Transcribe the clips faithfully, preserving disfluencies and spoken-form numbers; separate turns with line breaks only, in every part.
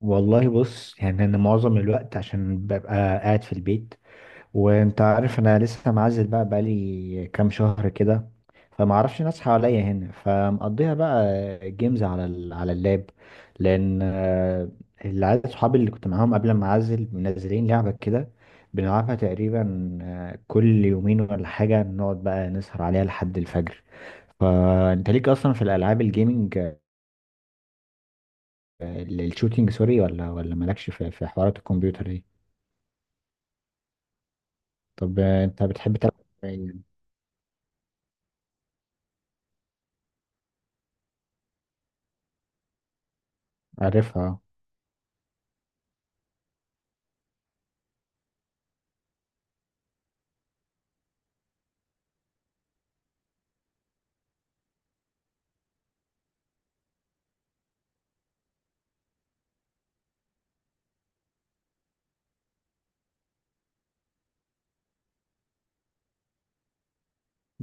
والله بص يعني انا معظم الوقت عشان ببقى قاعد في البيت، وانت عارف انا لسه معزل بقى بقالي كام شهر كده. فما اعرفش ناس حواليا هنا، فمقضيها بقى جيمز على ال... على اللاب، لان آه، العيال صحابي اللي كنت معاهم قبل ما اعزل منزلين لعبة كده، بنلعبها تقريبا آه، كل يومين ولا حاجة، نقعد بقى نسهر عليها لحد الفجر. فانت ليك اصلا في الالعاب الجيمنج ال- الشوتينج سوري، ولا ولا مالكش في في حوارات الكمبيوتر دي؟ طب آه، انت بتحب تلعب إيه؟ عارفها.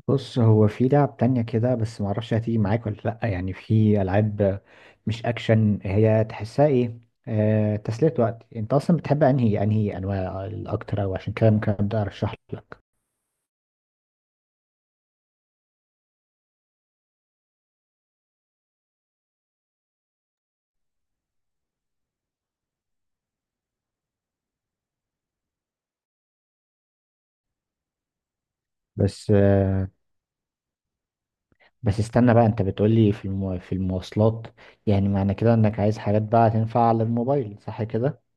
بص هو في لعب تانية كده، بس معرفش هتيجي معاك ولا لأ، يعني في ألعاب مش أكشن، هي تحسها إيه؟ آه، تسلية وقت. أنت أصلا بتحب أنهي أنهي أنواع الأكتر؟ أو عشان كده ممكن أبدأ أرشح لك. بس آه بس استنى بقى، أنت بتقولي في المو... في المواصلات، يعني معنى كده إنك عايز حاجات بقى تنفع على الموبايل، صح كده؟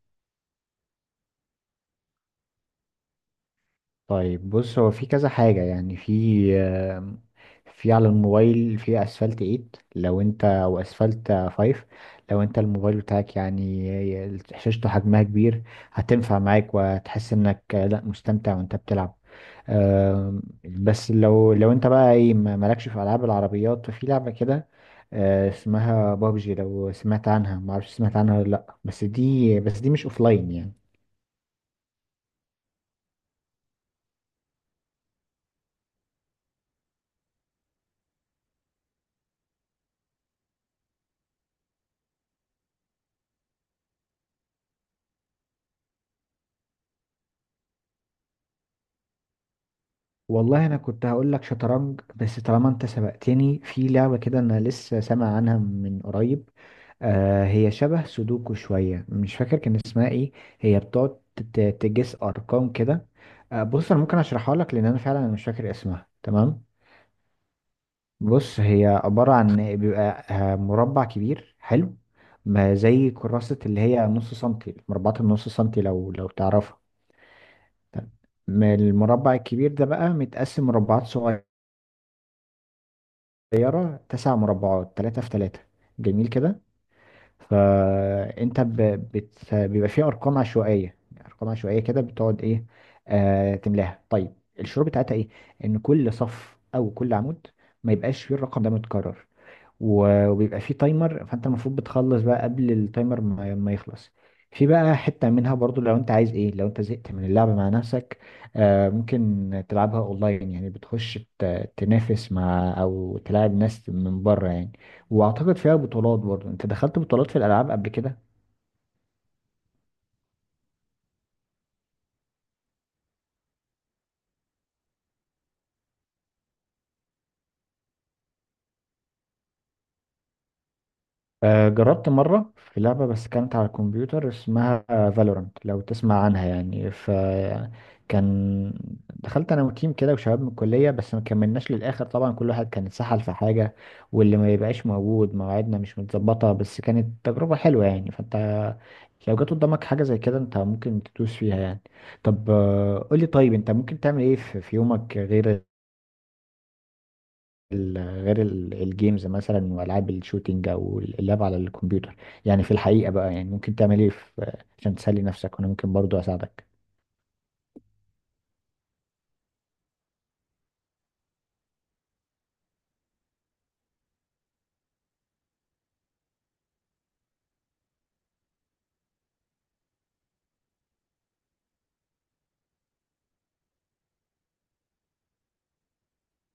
طيب بص هو في كذا حاجة، يعني في آم، في على الموبايل، في اسفلت تمانية لو انت، او اسفلت خمسة لو انت الموبايل بتاعك يعني شاشته حجمها كبير، هتنفع معاك وهتحس انك آه، لا، مستمتع وانت بتلعب. آم، بس لو لو انت بقى ايه، ما- مالكش في العاب العربيات، ففي لعبة كده آه، اسمها بابجي، لو سمعت عنها، معرفش سمعت عنها ولا لا، بس دي بس دي مش اوفلاين يعني. والله انا كنت هقول لك شطرنج، بس طالما انت سبقتني في لعبة كده، انا لسه سامع عنها من قريب. آه هي شبه سودوكو شوية، مش فاكر كان اسمها ايه. هي بتقعد تت- تجس ارقام كده. آه بص انا ممكن اشرحها لك، لان انا فعلا مش فاكر اسمها. تمام؟ بص هي عبارة عن، بيبقى آه، مربع كبير، حلو؟ ما زي كراسة اللي هي نص سنتي، مربعات النص سنتي، لو لو تعرفها. تمام. المربع الكبير ده بقى متقسم مربعات صغيرة صغيرة، تسع مربعات، تلاتة في تلاتة. جميل كده. فأنت ب... بت... بيبقى فيه أرقام عشوائية أرقام عشوائية كده. بتقعد إيه؟ آه تملاها. طيب الشروط بتاعتها إيه؟ إن كل صف أو كل عمود ما يبقاش فيه الرقم ده متكرر. و- وبيبقى فيه تايمر، فانت المفروض بتخلص بقى قبل التايمر ما ما يخلص. في بقى حتة منها برضو، لو انت عايز ايه، لو انت زهقت من اللعب مع نفسك، آه ممكن تلعبها اونلاين، يعني بتخش ت- تنافس مع، او تلاعب ناس من بره يعني. واعتقد فيها بطولات برضو. انت دخلت بطولات في الالعاب قبل كده؟ آه، جربت مرة في لعبة، بس كانت على الكمبيوتر، اسمها فالورانت لو تسمع عنها يعني، فكان دخلت انا وتيم كده وشباب من الكلية، بس ما كملناش للآخر طبعا. كل واحد كان اتسحل في حاجة، واللي ما يبقاش موجود، مواعيدنا مش متظبطة. بس كانت تجربة حلوة يعني، فانت لو جت قدامك حاجة زي كده، انت ممكن تدوس فيها يعني. طب آه، قولي، طيب انت ممكن تعمل ايه في في يومك، غير ال- غير ال- الجيمز مثلا والعاب الشوتينج او اللعب على الكمبيوتر؟ يعني في الحقيقه بقى، يعني ممكن تعمل ايه في- عشان تسلي نفسك، وانا ممكن برضو اساعدك.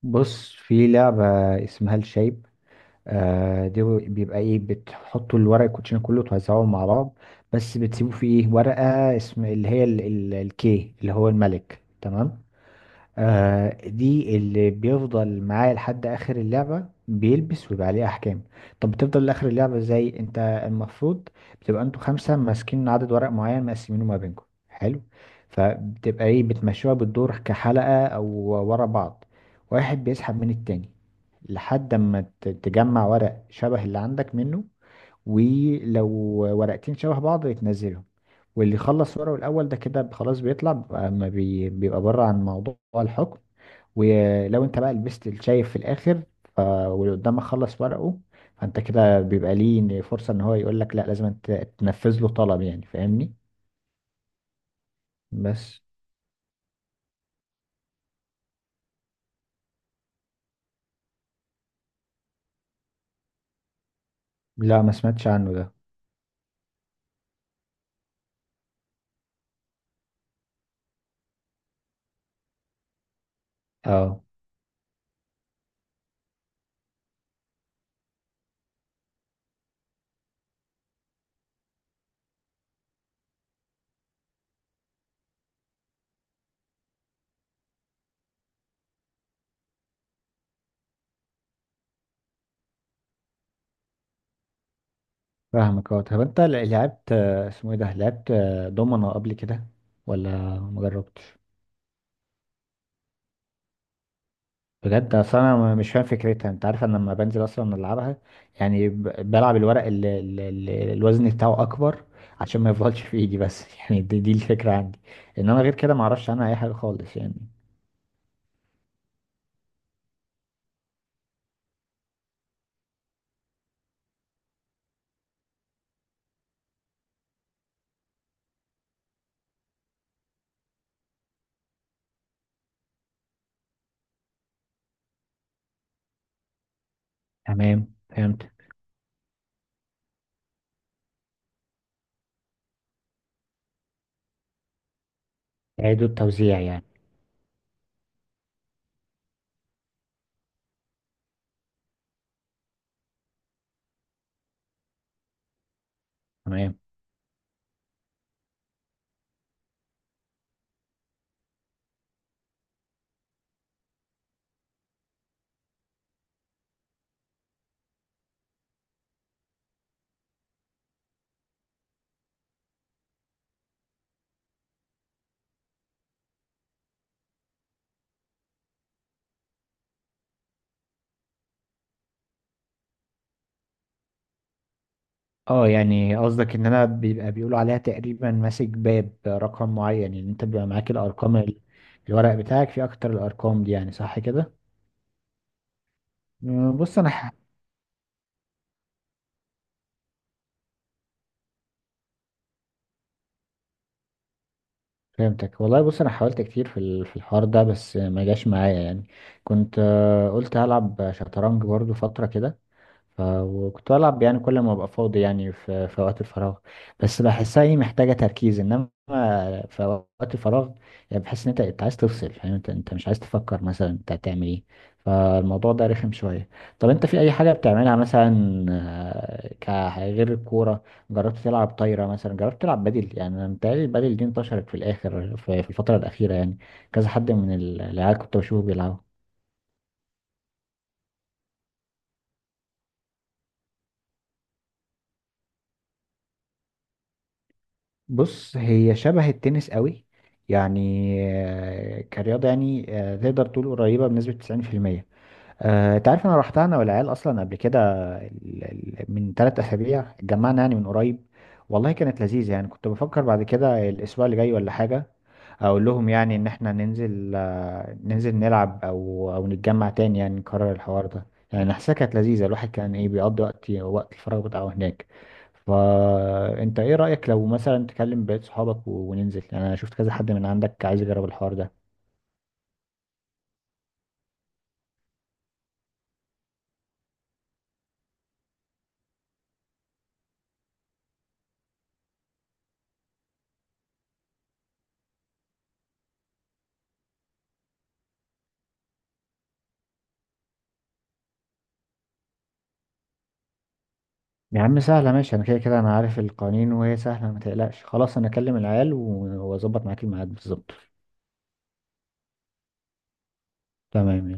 بص في لعبه اسمها الشايب. آه دي هو- بيبقى ايه، بتحطوا الورق، الكوتشينه كله توزعوه مع بعض، بس بتسيبوا فيه ايه، ورقه اسم اللي هي ال- ال- الكي اللي هو الملك. تمام؟ آه دي اللي بيفضل معاه لحد اخر اللعبة، بيلبس ويبقى عليه احكام. طب بتفضل لاخر اللعبة ازاي انت؟ المفروض بتبقى انتوا خمسة ماسكين عدد ورق معين مقسمينه ما بينكم، حلو؟ فبتبقى ايه، بتمشوها بالدور كحلقة، او ورا بعض، واحد بيسحب من التاني لحد ما ت- تجمع ورق شبه اللي عندك منه. ولو ورقتين شبه بعض يتنزلهم، واللي يخلص ورقه الأول ده كده خلاص، بيطلع بقى- ما بي- بيبقى بره عن موضوع الحكم. ولو انت بقى لبست الشايف في الآخر ف- واللي قدامك خلص ورقه، فانت كده بيبقى ليه فرصة ان هو يقول لك لا، لازم ت- تنفذ له طلب يعني، فاهمني؟ بس لا، ما سمعتش عنه ده. اه فاهمك. اه طب انت لعبت آه، اسمه ايه ده لعبت آه، دومنة قبل كده ولا مجربتش؟ بجد؟ اصل انا مش فاهم فكرتها. انت عارف انا لما بنزل اصلا العبها يعني، ب- بلعب الورق اللي اللي الوزن بتاعه اكبر عشان ما يفضلش في ايدي بس يعني، دي, دي الفكره عندي، انما غير كده ما اعرفش عنها اي حاجه خالص يعني. تمام فهمت. اعادة توزيع يعني. تمام. اه يعني قصدك ان انا بيبقى بيقولوا عليها تقريبا ماسك باب رقم معين، يعني انت بيبقى معاك الارقام ال- الورق بتاعك فيه اكتر الارقام دي يعني، صح كده؟ أه، بص انا فهمتك. والله بص انا حاولت كتير في ال- في الحوار ده بس ما جاش معايا يعني. كنت آه، قلت هلعب شطرنج برضو فترة كده، ف... وكنت بلعب يعني كل ما ابقى فاضي، يعني في, في وقت الفراغ، بس بحسها ايه، محتاجة تركيز، انما في وقت الفراغ يعني بحس ان انت، انت عايز تفصل، فاهم؟ انت انت مش عايز تفكر مثلا انت هتعمل ايه، فالموضوع ده رخم شوية. طب انت في اي حاجة بتعملها مثلا، آه، ك غير الكورة؟ جربت تلعب طايرة مثلا؟ جربت تلعب بدل؟ يعني انا متهيألي البدل دي انتشرت في الاخر في في الفترة الأخيرة يعني، كذا حد من العيال كنت بشوفه بيلعبوا. بص هي شبه التنس قوي يعني، آه، كرياضة، يعني آه، تقدر تقول قريبة بنسبة تسعين في المية. آه، انت عارف انا رحتها انا والعيال اصلا قبل كده، ال- ال- من ثلاث اسابيع اتجمعنا يعني، من قريب. والله كانت لذيذه يعني، كنت بفكر بعد كده الاسبوع اللي جاي ولا حاجه اقول لهم يعني ان احنا ننزل، آه، ننزل نلعب، او او نتجمع تاني يعني، نكرر الحوار ده، يعني حاسسها كانت لذيذه. الواحد كان ايه، بيقضي وقت وقت الفراغ بتاعه هناك. فانت ايه رايك لو مثلا تكلم بقية صحابك و- وننزل، يعني انا شفت كذا حد من عندك عايز يجرب الحوار ده. يا عم سهلة ماشي، أنا كده كده أنا عارف القوانين وهي سهلة، ما تقلقش، خلاص أنا أكلم العيال و- وأظبط معاك الميعاد بالظبط. تمام يلا.